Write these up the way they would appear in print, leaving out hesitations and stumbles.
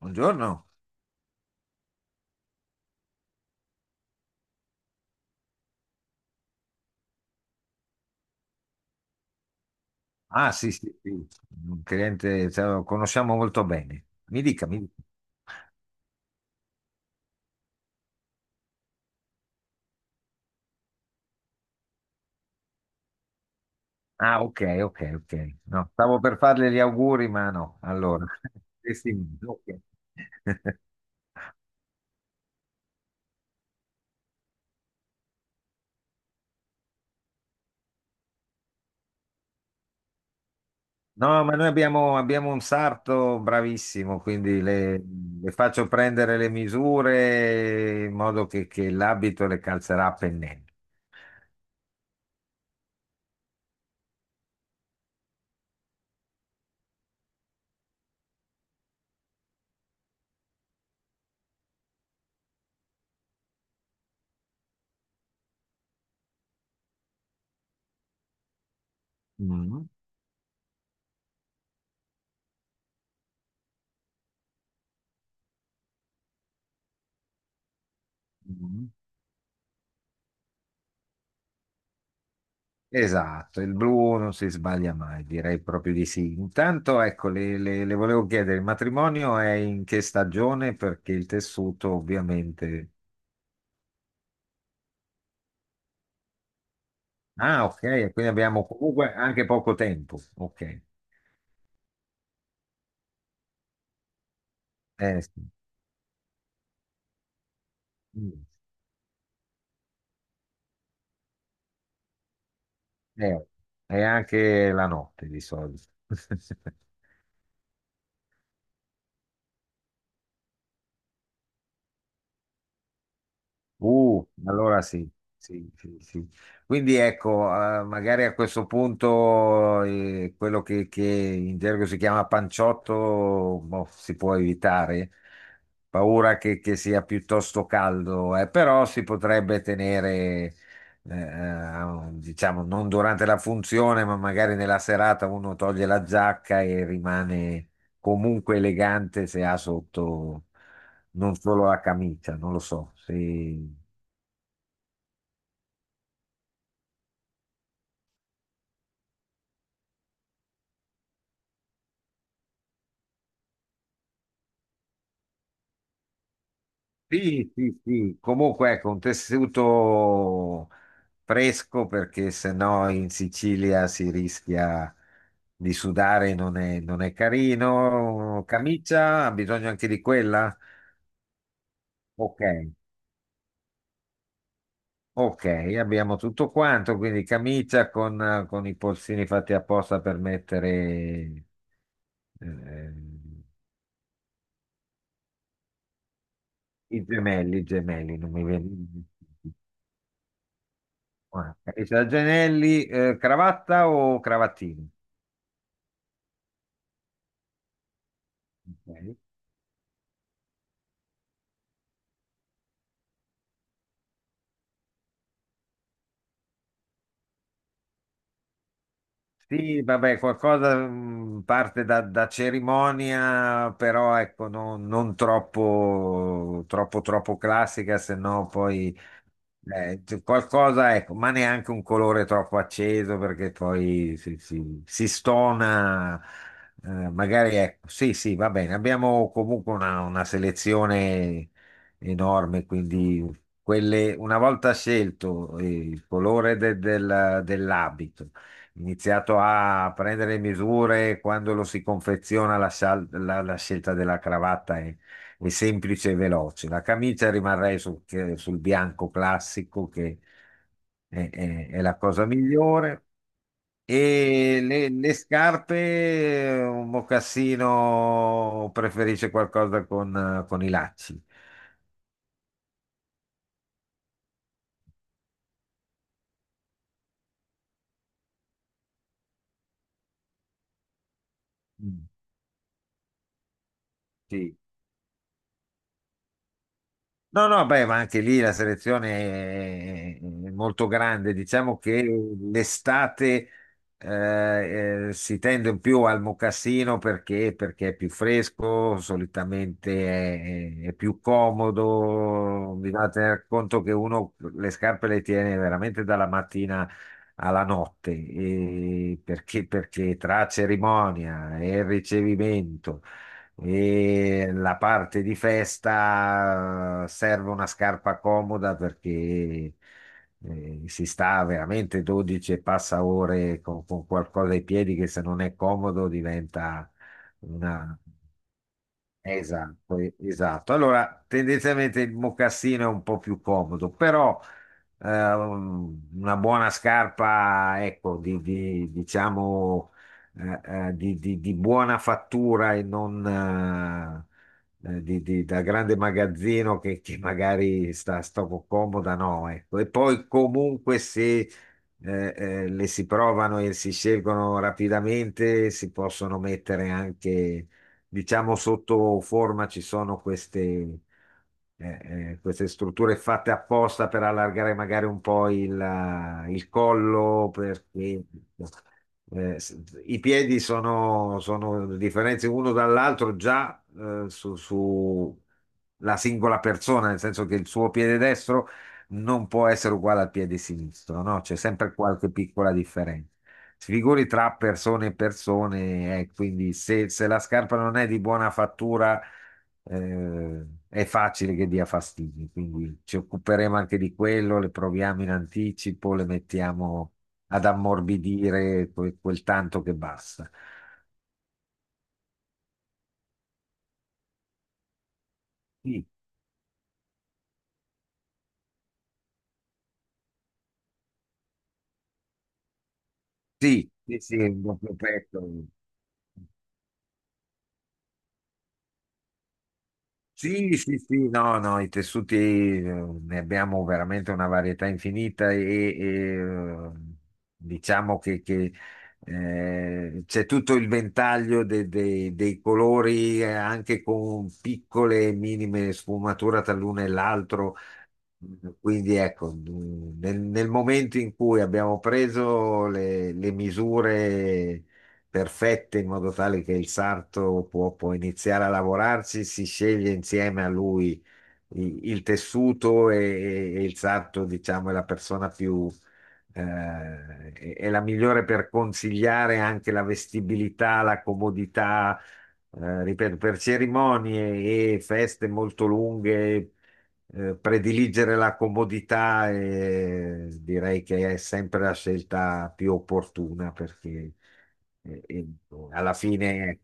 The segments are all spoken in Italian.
Buongiorno. Ah, sì, sì, sì. Un cliente, cioè, lo conosciamo molto bene. Mi dica, mi dica. Ah, ok, ok, ok. No, stavo per farle gli auguri, ma no. Allora, eh sì, ok. No, ma noi abbiamo un sarto bravissimo, quindi le faccio prendere le misure in modo che l'abito le calzerà a pennello. Mm. Mm. Esatto, il blu non si sbaglia mai, direi proprio di sì. Intanto, ecco, le volevo chiedere, il matrimonio è in che stagione? Perché il tessuto ovviamente... Ah, ok, quindi abbiamo comunque anche poco tempo. Ok. Sì. Mm. Eh, è anche la notte di solito. Allora sì, sì, sì, sì. Quindi ecco, magari a questo punto quello che in gergo si chiama panciotto, boh, si può evitare. Paura che sia piuttosto caldo, però si potrebbe tenere, diciamo, non durante la funzione, ma magari nella serata uno toglie la giacca e rimane comunque elegante se ha sotto non solo la camicia, non lo so. Sì, sì, sì. Sì. Comunque, ecco, un tessuto fresco perché sennò in Sicilia si rischia di sudare, non è, non è carino. Camicia, ha bisogno anche di quella? Ok, ok, abbiamo tutto quanto, quindi camicia con i polsini fatti apposta per mettere eh, i gemelli, non mi viene. Guarda, camicia da Gianelli, cravatta o cravattini? Ok. Sì, vabbè, qualcosa parte da, da cerimonia, però ecco, non, non troppo, troppo, troppo classica, se no poi c- qualcosa, ecco, ma neanche un colore troppo acceso perché poi si- si stona, magari ecco, sì, sì, va bene, abbiamo comunque una selezione enorme, quindi quelle, una volta scelto il colore de- del- dell'abito iniziato a prendere le misure quando lo si confeziona la, sal- la- la scelta della cravatta è semplice e veloce. La camicia rimarrei sul, che- sul bianco classico che è la cosa migliore. E le scarpe, un mocassino preferisce qualcosa con i lacci. Mm. Sì, no, no, beh, ma anche lì la selezione è molto grande. Diciamo che l'estate si tende più al mocassino perché, perché è più fresco, solitamente è più comodo. Bisogna tener conto che uno le scarpe le tiene veramente dalla mattina alla notte, e perché, perché tra cerimonia e ricevimento e la parte di festa serve una scarpa comoda perché si sta veramente 12 e passa ore con qualcosa ai piedi che se non è comodo diventa una, esatto, e- esatto. Allora, tendenzialmente il mocassino è un po' più comodo, però una buona scarpa, ecco, di- diciamo, eh, di buona fattura e non di- di- da grande magazzino che magari sta, sta un po' comoda, no, ecco. E poi comunque se le si provano e si scelgono rapidamente, si possono mettere anche diciamo sotto forma ci sono queste, queste strutture fatte apposta per allargare magari un po' il collo, perché s- i piedi sono, sono differenze uno dall'altro già su, su la singola persona, nel senso che il suo piede destro non può essere uguale al piede sinistro, no? C'è sempre qualche piccola differenza. Si figuri tra persone e persone, quindi se, se la scarpa non è di buona fattura, è facile che dia fastidi. Quindi ci occuperemo anche di quello, le proviamo in anticipo, le mettiamo ad ammorbidire que- quel, tanto che basta. Sì, sì, sì, sì, il doppio petto. Sì, sì, sì, no, no, i tessuti ne abbiamo veramente una varietà infinita e, eh, diciamo che c'è tutto il ventaglio de- de- dei colori anche con piccole e minime sfumature tra l'uno e l'altro quindi ecco, nel, nel momento in cui abbiamo preso le misure perfette in modo tale che il sarto può, può iniziare a lavorarci, si sceglie insieme a lui i- il, tessuto e il sarto, diciamo, è la persona più, eh, è la migliore per consigliare anche la vestibilità, la comodità. Ripeto, per cerimonie e feste molto lunghe prediligere la comodità direi che è sempre la scelta più opportuna perché eh, eh, alla fine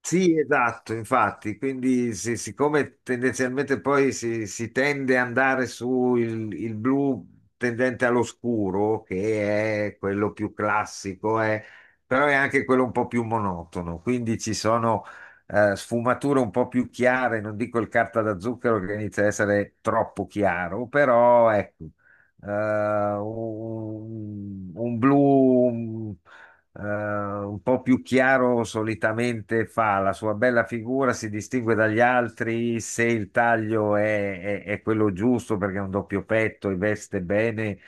sì, esatto, infatti, quindi sì, siccome tendenzialmente poi si tende ad andare su il blu tendente all'oscuro, che è quello più classico, è- però è anche quello un po' più monotono, quindi ci sono sfumature un po' più chiare, non dico il carta da zucchero che inizia a essere troppo chiaro, però ecco, eh, un blu un po' più chiaro solitamente fa, la sua bella figura si distingue dagli altri se il taglio è quello giusto perché è un doppio petto e veste bene,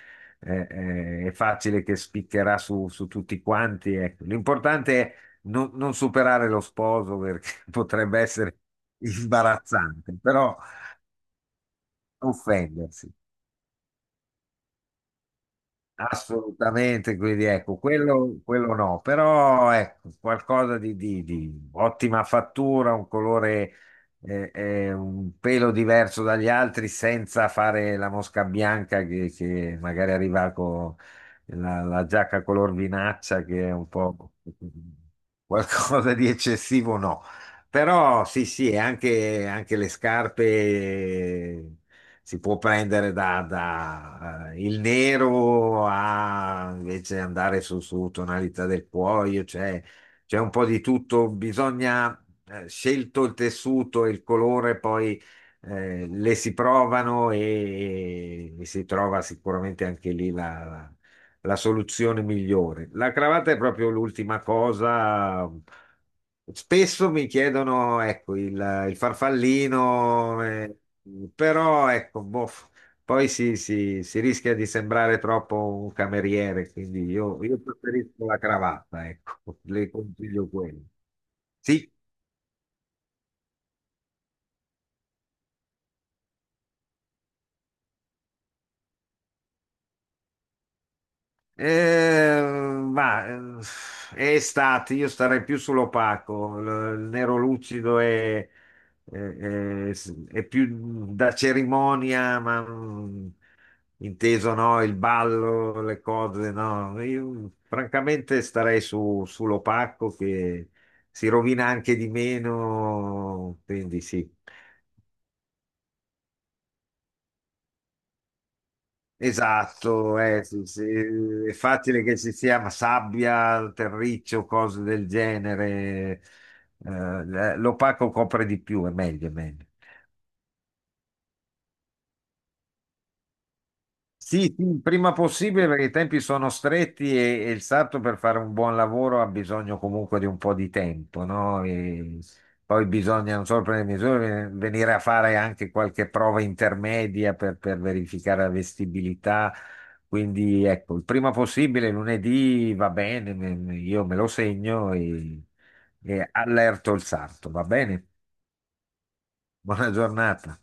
è facile che spiccherà su, su tutti quanti. Ecco. L'importante è non, non superare lo sposo perché potrebbe essere imbarazzante, però offendersi. Assolutamente, quindi ecco, quello no, però ecco, qualcosa di ottima fattura, un colore un pelo diverso dagli altri senza fare la mosca bianca che magari arriva con la, la giacca color vinaccia che è un po' qualcosa di eccessivo, no. Però sì, sì, e anche, anche le scarpe si può prendere da, da, il nero a invece andare su, su tonalità del cuoio, cioè c'è un po' di tutto, bisogna scelto il tessuto e il colore, poi le si provano e si trova sicuramente anche lì la, la- la soluzione migliore. La cravatta è proprio l'ultima cosa. Spesso mi chiedono, ecco, il farfallino, però ecco, boh, poi si- si rischia di sembrare troppo un cameriere, quindi io preferisco la cravatta, ecco, le consiglio quello. Sì, Eh, ma è estate, io starei più sull'opaco, il nero lucido è- è- è più da cerimonia, ma mm, inteso no, il ballo, le cose, no. Io francamente starei su, sull'opaco che si rovina anche di meno, quindi sì. Esatto, sì, sì, è facile che ci sia sabbia, terriccio, cose del genere. L'opaco copre di più, è meglio, è meglio. Sì, sì, il prima possibile perché i tempi sono stretti e il sarto per fare un buon lavoro ha bisogno comunque di un po' di tempo, no? E poi bisogna, non solo prendere misure, venire a fare anche qualche prova intermedia per verificare la vestibilità. Quindi ecco, il prima possibile lunedì va bene, me- me- io me lo segno e allerto il sarto, va bene? Buona giornata.